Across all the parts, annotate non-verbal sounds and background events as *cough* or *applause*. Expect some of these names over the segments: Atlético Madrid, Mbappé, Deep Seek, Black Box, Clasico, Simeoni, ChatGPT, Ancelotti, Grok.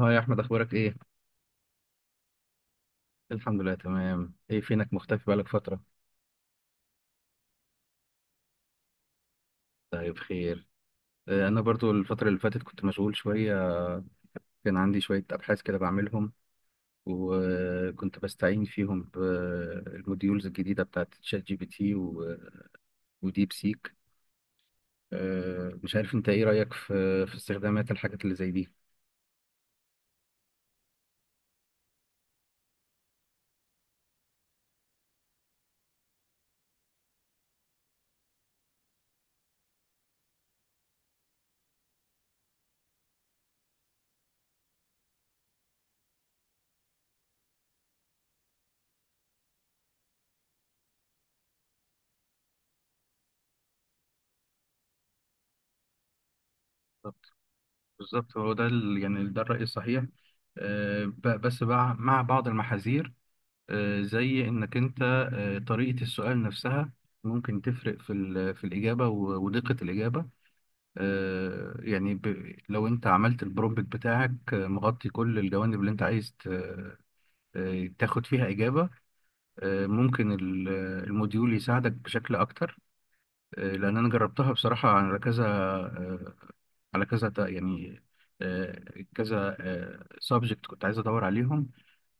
اه يا احمد، اخبارك ايه؟ الحمد لله، تمام. ايه فينك مختفي بقالك فتره؟ طيب، خير. انا برضو الفتره اللي فاتت كنت مشغول شويه. كان عندي شويه ابحاث كده بعملهم، وكنت بستعين فيهم بالموديولز الجديده بتاعت شات جي بي تي وديب سيك. مش عارف انت ايه رايك في استخدامات الحاجات اللي زي دي. بالظبط، بالظبط، هو ده يعني ده الرأي الصحيح. بس بقى مع بعض المحاذير، زي انك انت، طريقة السؤال نفسها ممكن تفرق في في الإجابة ودقة الإجابة. يعني لو انت عملت البرومبت بتاعك مغطي كل الجوانب اللي انت عايز تاخد فيها إجابة، ممكن الموديول يساعدك بشكل أكتر. لأن أنا جربتها بصراحة على كذا، على يعني كذا سبجكت كنت عايز ادور عليهم،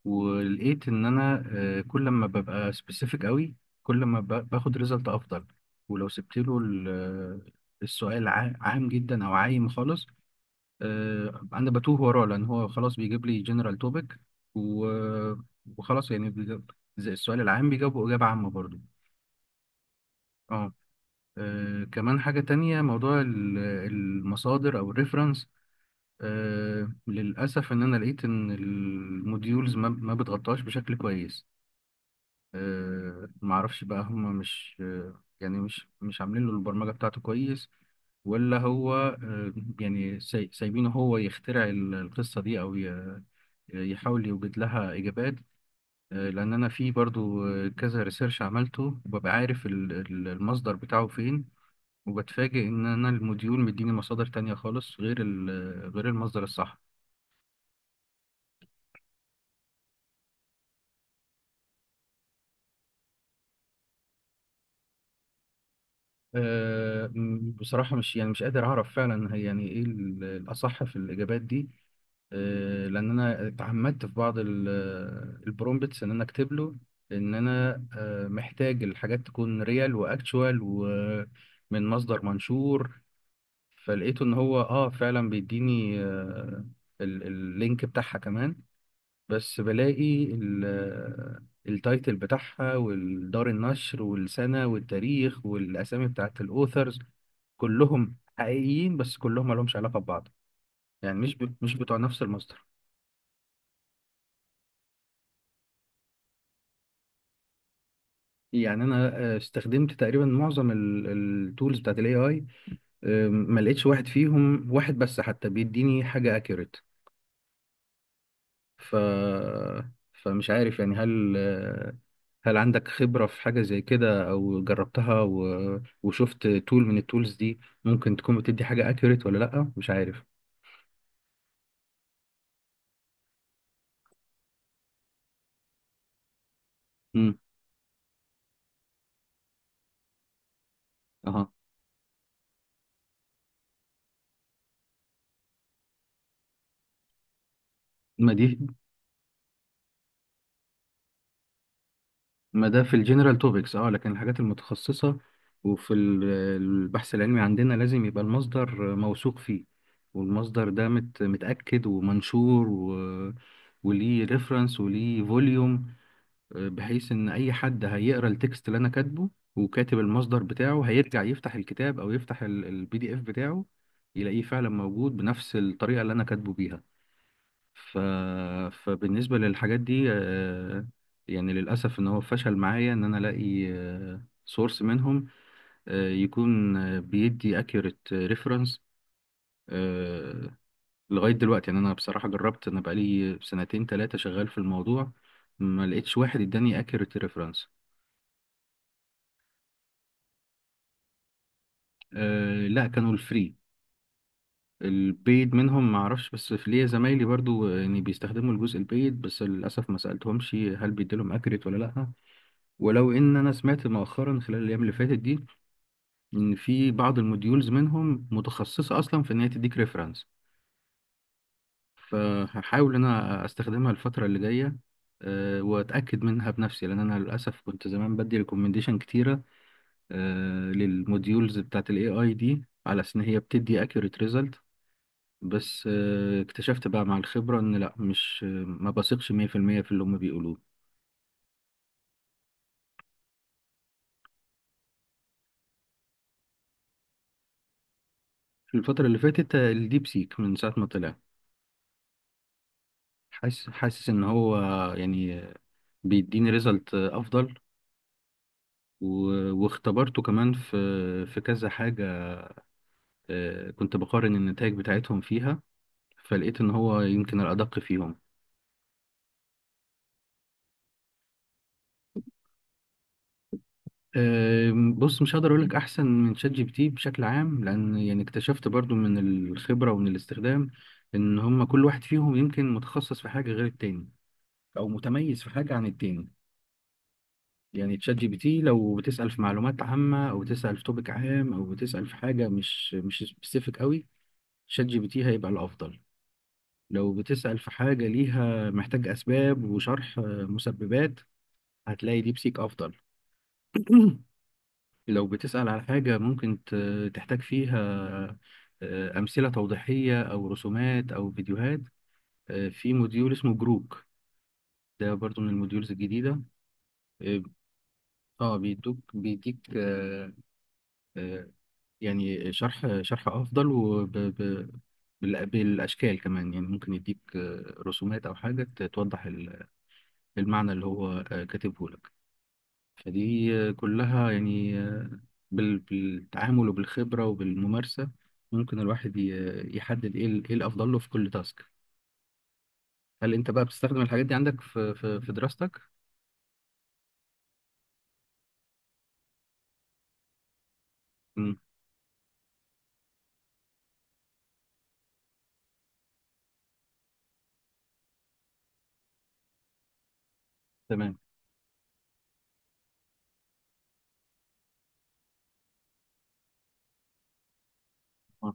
ولقيت ان انا كل ما ببقى سبيسيفيك قوي، كل ما باخد ريزلت افضل. ولو سبت له السؤال عام جدا او عايم خالص، انا بتوه وراه لان هو خلاص بيجيب لي جنرال توبيك، وخلاص يعني زي السؤال العام بيجاوبه اجابه عامه برضو. اه. كمان حاجه تانية، موضوع المصادر او الريفرنس. للاسف ان انا لقيت ان الموديولز ما بتغطاش بشكل كويس. معرفش بقى هم مش، يعني مش عاملين له البرمجة بتاعته كويس، ولا هو يعني سايبينه هو يخترع القصة دي، أو يحاول يوجد لها إجابات. لأن أنا في برضو كذا ريسيرش عملته، وببقى عارف المصدر بتاعه فين، وبتفاجئ إن أنا الموديول مديني مصادر تانية خالص غير غير المصدر الصح. بصراحة مش يعني مش قادر أعرف فعلا هي يعني إيه الأصح في الإجابات دي. لان انا تعمدت في بعض البرومبتس ان انا اكتب له ان انا محتاج الحاجات تكون ريال واكتشوال ومن مصدر منشور. فلقيته ان هو اه فعلا بيديني اللينك بتاعها كمان. بس بلاقي التايتل بتاعها والدار النشر والسنة والتاريخ والاسامي بتاعت الاوثرز كلهم حقيقيين، بس كلهم مالهمش علاقة ببعض. يعني مش بتوع نفس المصدر. يعني انا استخدمت تقريبا معظم التولز بتاعت الاي اي، ما لقيتش واحد فيهم، واحد بس حتى، بيديني حاجه اكيوريت. ف فمش عارف يعني، هل هل عندك خبره في حاجه زي كده او جربتها، وشفت تول من التولز دي ممكن تكون بتدي حاجه اكيوريت ولا لا؟ مش عارف. امم. اها. ما دي ما ده في الجنرال توبكس، اه، لكن الحاجات المتخصصة وفي البحث العلمي عندنا لازم يبقى المصدر موثوق فيه، والمصدر ده متأكد ومنشور، وليه ريفرنس وليه فوليوم، بحيث ان اي حد هيقرا التكست اللي انا كاتبه وكاتب المصدر بتاعه، هيرجع يفتح الكتاب او يفتح البي دي اف بتاعه، يلاقيه فعلا موجود بنفس الطريقة اللي انا كاتبه بيها. ف... فبالنسبة للحاجات دي يعني للأسف إن هو فشل معايا إن أنا ألاقي سورس منهم يكون بيدي accurate reference. آه، لغاية دلوقتي يعني أنا بصراحة جربت، أنا بقالي سنتين تلاتة شغال في الموضوع، ما لقيتش واحد إداني accurate reference. لا، كانوا الفري. البيد منهم ما اعرفش، بس في ليا زمايلي برضو يعني بيستخدموا الجزء البيد، بس للاسف ما سالتهمش هل بيديلهم اكريت ولا لا. ولو ان انا سمعت مؤخرا خلال الايام اللي فاتت دي ان في بعض الموديولز منهم متخصصه اصلا في ان هي تديك ريفرنس، فهحاول ان انا استخدمها الفتره اللي جايه، واتاكد منها بنفسي، لان انا للاسف كنت زمان بدي ريكومنديشن كتيره للموديولز بتاعت الاي اي دي على اساس ان هي بتدي اكيوريت ريزلت. بس اكتشفت بقى مع الخبره ان لا، مش، ما بثقش 100% في المية في اللي هم بيقولوه. في الفتره اللي فاتت الديب سيك من ساعه ما طلع حاسس ان هو يعني بيديني ريزلت افضل. واختبرته كمان في في كذا حاجه، كنت بقارن النتائج بتاعتهم فيها، فلقيت ان هو يمكن الادق فيهم. بص، مش هقدر اقول لك احسن من شات جي بي تي بشكل عام، لان يعني اكتشفت برضو من الخبره ومن الاستخدام ان هم كل واحد فيهم يمكن متخصص في حاجه غير التاني، او متميز في حاجه عن التاني. يعني تشات جي بي تي لو بتسال في معلومات عامه، او بتسال في توبيك عام، او بتسال في حاجه مش سبيسيفيك قوي، شات جي بي تي هيبقى الافضل. لو بتسأل في حاجة ليها، محتاج أسباب وشرح، مسببات، هتلاقي ديب سيك أفضل. *clears throat* لو بتسأل على حاجة ممكن تحتاج فيها أمثلة توضيحية أو رسومات أو فيديوهات، في موديول اسمه جروك، ده برضو من الموديولز الجديدة. اه. آه، بيدوك بيديك آه، يعني شرح أفضل وبالأشكال كمان، يعني ممكن يديك رسومات أو حاجة توضح المعنى اللي هو كاتبه لك. فدي كلها يعني بالتعامل وبالخبرة وبالممارسة ممكن الواحد يحدد ايه ايه الافضل له في كل تاسك. هل انت بقى بتستخدم الحاجات دي عندك في دراستك؟ مم. تمام. آه.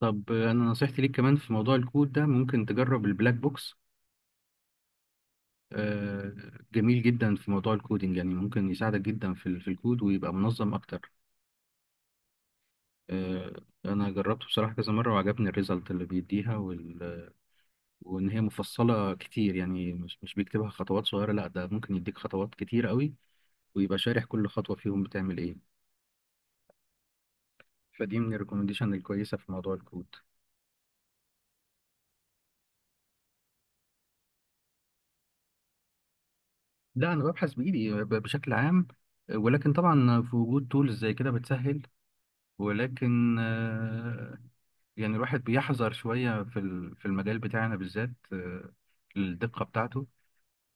طب انا نصيحتي ليك، كمان في موضوع الكود ده، ممكن تجرب البلاك بوكس، آه، جميل جدا في موضوع الكودينج، يعني ممكن يساعدك جدا في في الكود، ويبقى منظم اكتر. انا جربته بصراحة كذا مرة وعجبني الريزلت اللي بيديها، وان هي مفصله كتير، يعني مش بيكتبها خطوات صغيره، لا ده ممكن يديك خطوات كتير قوي ويبقى شارح كل خطوه فيهم بتعمل ايه. فدي من الريكومنديشن الكويسه في موضوع الكود. لا، انا ببحث بايدي بشكل عام، ولكن طبعا في وجود تولز زي كده بتسهل، ولكن يعني الواحد بيحذر شويه في في المجال بتاعنا بالذات، الدقه بتاعته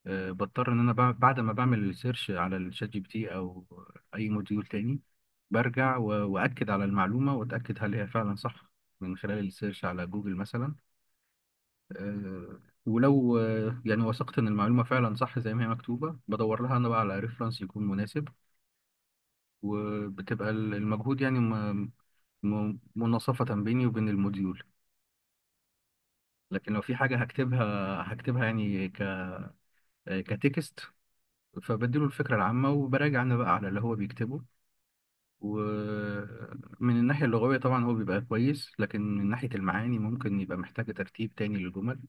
بضطر ان انا بعد ما بعمل سيرش على الشات جي بي تي او اي موديول تاني، برجع واكد على المعلومه، واتاكد هل هي فعلا صح من خلال السيرش على جوجل مثلا. آه، ولو يعني وثقت ان المعلومه فعلا صح زي ما هي مكتوبه، بدور لها انا بقى على ريفرنس يكون مناسب، وبتبقى المجهود يعني مناصفه بيني وبين الموديول. لكن لو في حاجه هكتبها، هكتبها يعني كتكست، فبديله الفكره العامه وبراجع انا بقى على اللي هو بيكتبه، ومن الناحية اللغوية طبعا هو بيبقى كويس، لكن من ناحية المعاني ممكن يبقى محتاجة ترتيب تاني للجمل،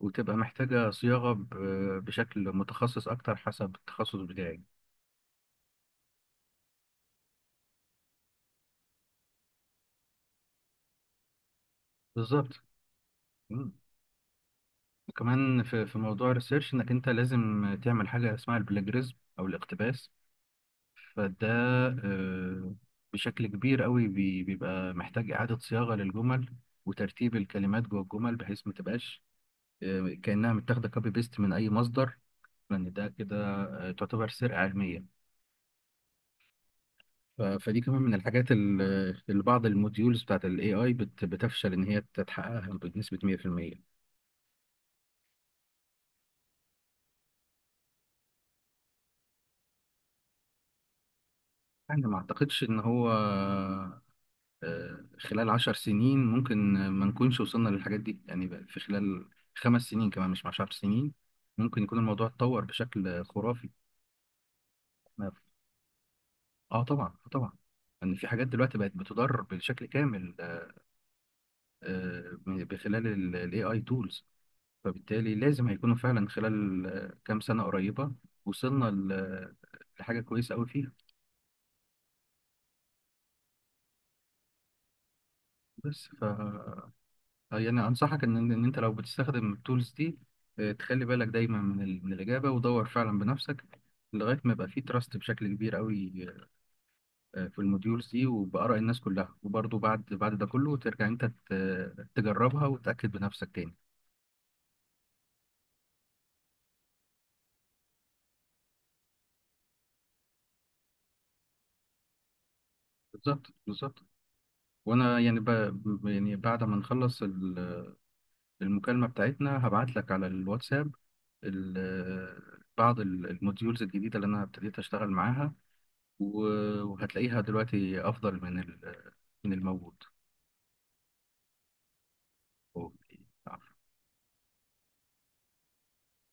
وتبقى محتاجة صياغة بشكل متخصص أكتر حسب التخصص بتاعي. بالظبط. مم. كمان في موضوع الريسيرش، إنك أنت لازم تعمل حاجة اسمها البلاجريزم أو الاقتباس، فده آه، بشكل كبير قوي بيبقى محتاج إعادة صياغة للجمل وترتيب الكلمات جوه الجمل بحيث ما تبقاش كأنها متاخدة كوبي بيست من أي مصدر، ان ده كده تعتبر سرقه علميه. فدي كمان من الحاجات اللي بعض الموديولز بتاعت الاي اي بتفشل ان هي تتحققها بنسبه 100%. انا ما اعتقدش ان هو آه، خلال 10 سنين ممكن ما نكونش وصلنا للحاجات دي، يعني بقى في خلال 5 سنين، كمان مش 10 سنين، ممكن يكون الموضوع اتطور بشكل خرافي. أنا- اه طبعا، طبعا. ان في حاجات دلوقتي بقت بتضرب بشكل كامل، بخلال الاي اي تولز، فبالتالي لازم هيكونوا فعلا خلال كام سنة قريبة وصلنا لحاجة كويسة أوي فيها. بس ف يعني أنصحك إن أنت لو بتستخدم التولز دي، تخلي بالك دايما من من الإجابة، ودور فعلا بنفسك لغاية ما يبقى فيه تراست بشكل كبير أوي في الموديولز دي وبآراء الناس كلها، وبرضه بعد ده كله ترجع أنت تجربها وتتأكد بنفسك تاني. بالظبط، بالظبط. وأنا يعني يعني بعد ما نخلص المكالمة بتاعتنا هبعت لك على الواتساب بعض الموديولز الجديدة اللي أنا ابتديت أشتغل معاها، وهتلاقيها دلوقتي أفضل من من الموجود. أوكي.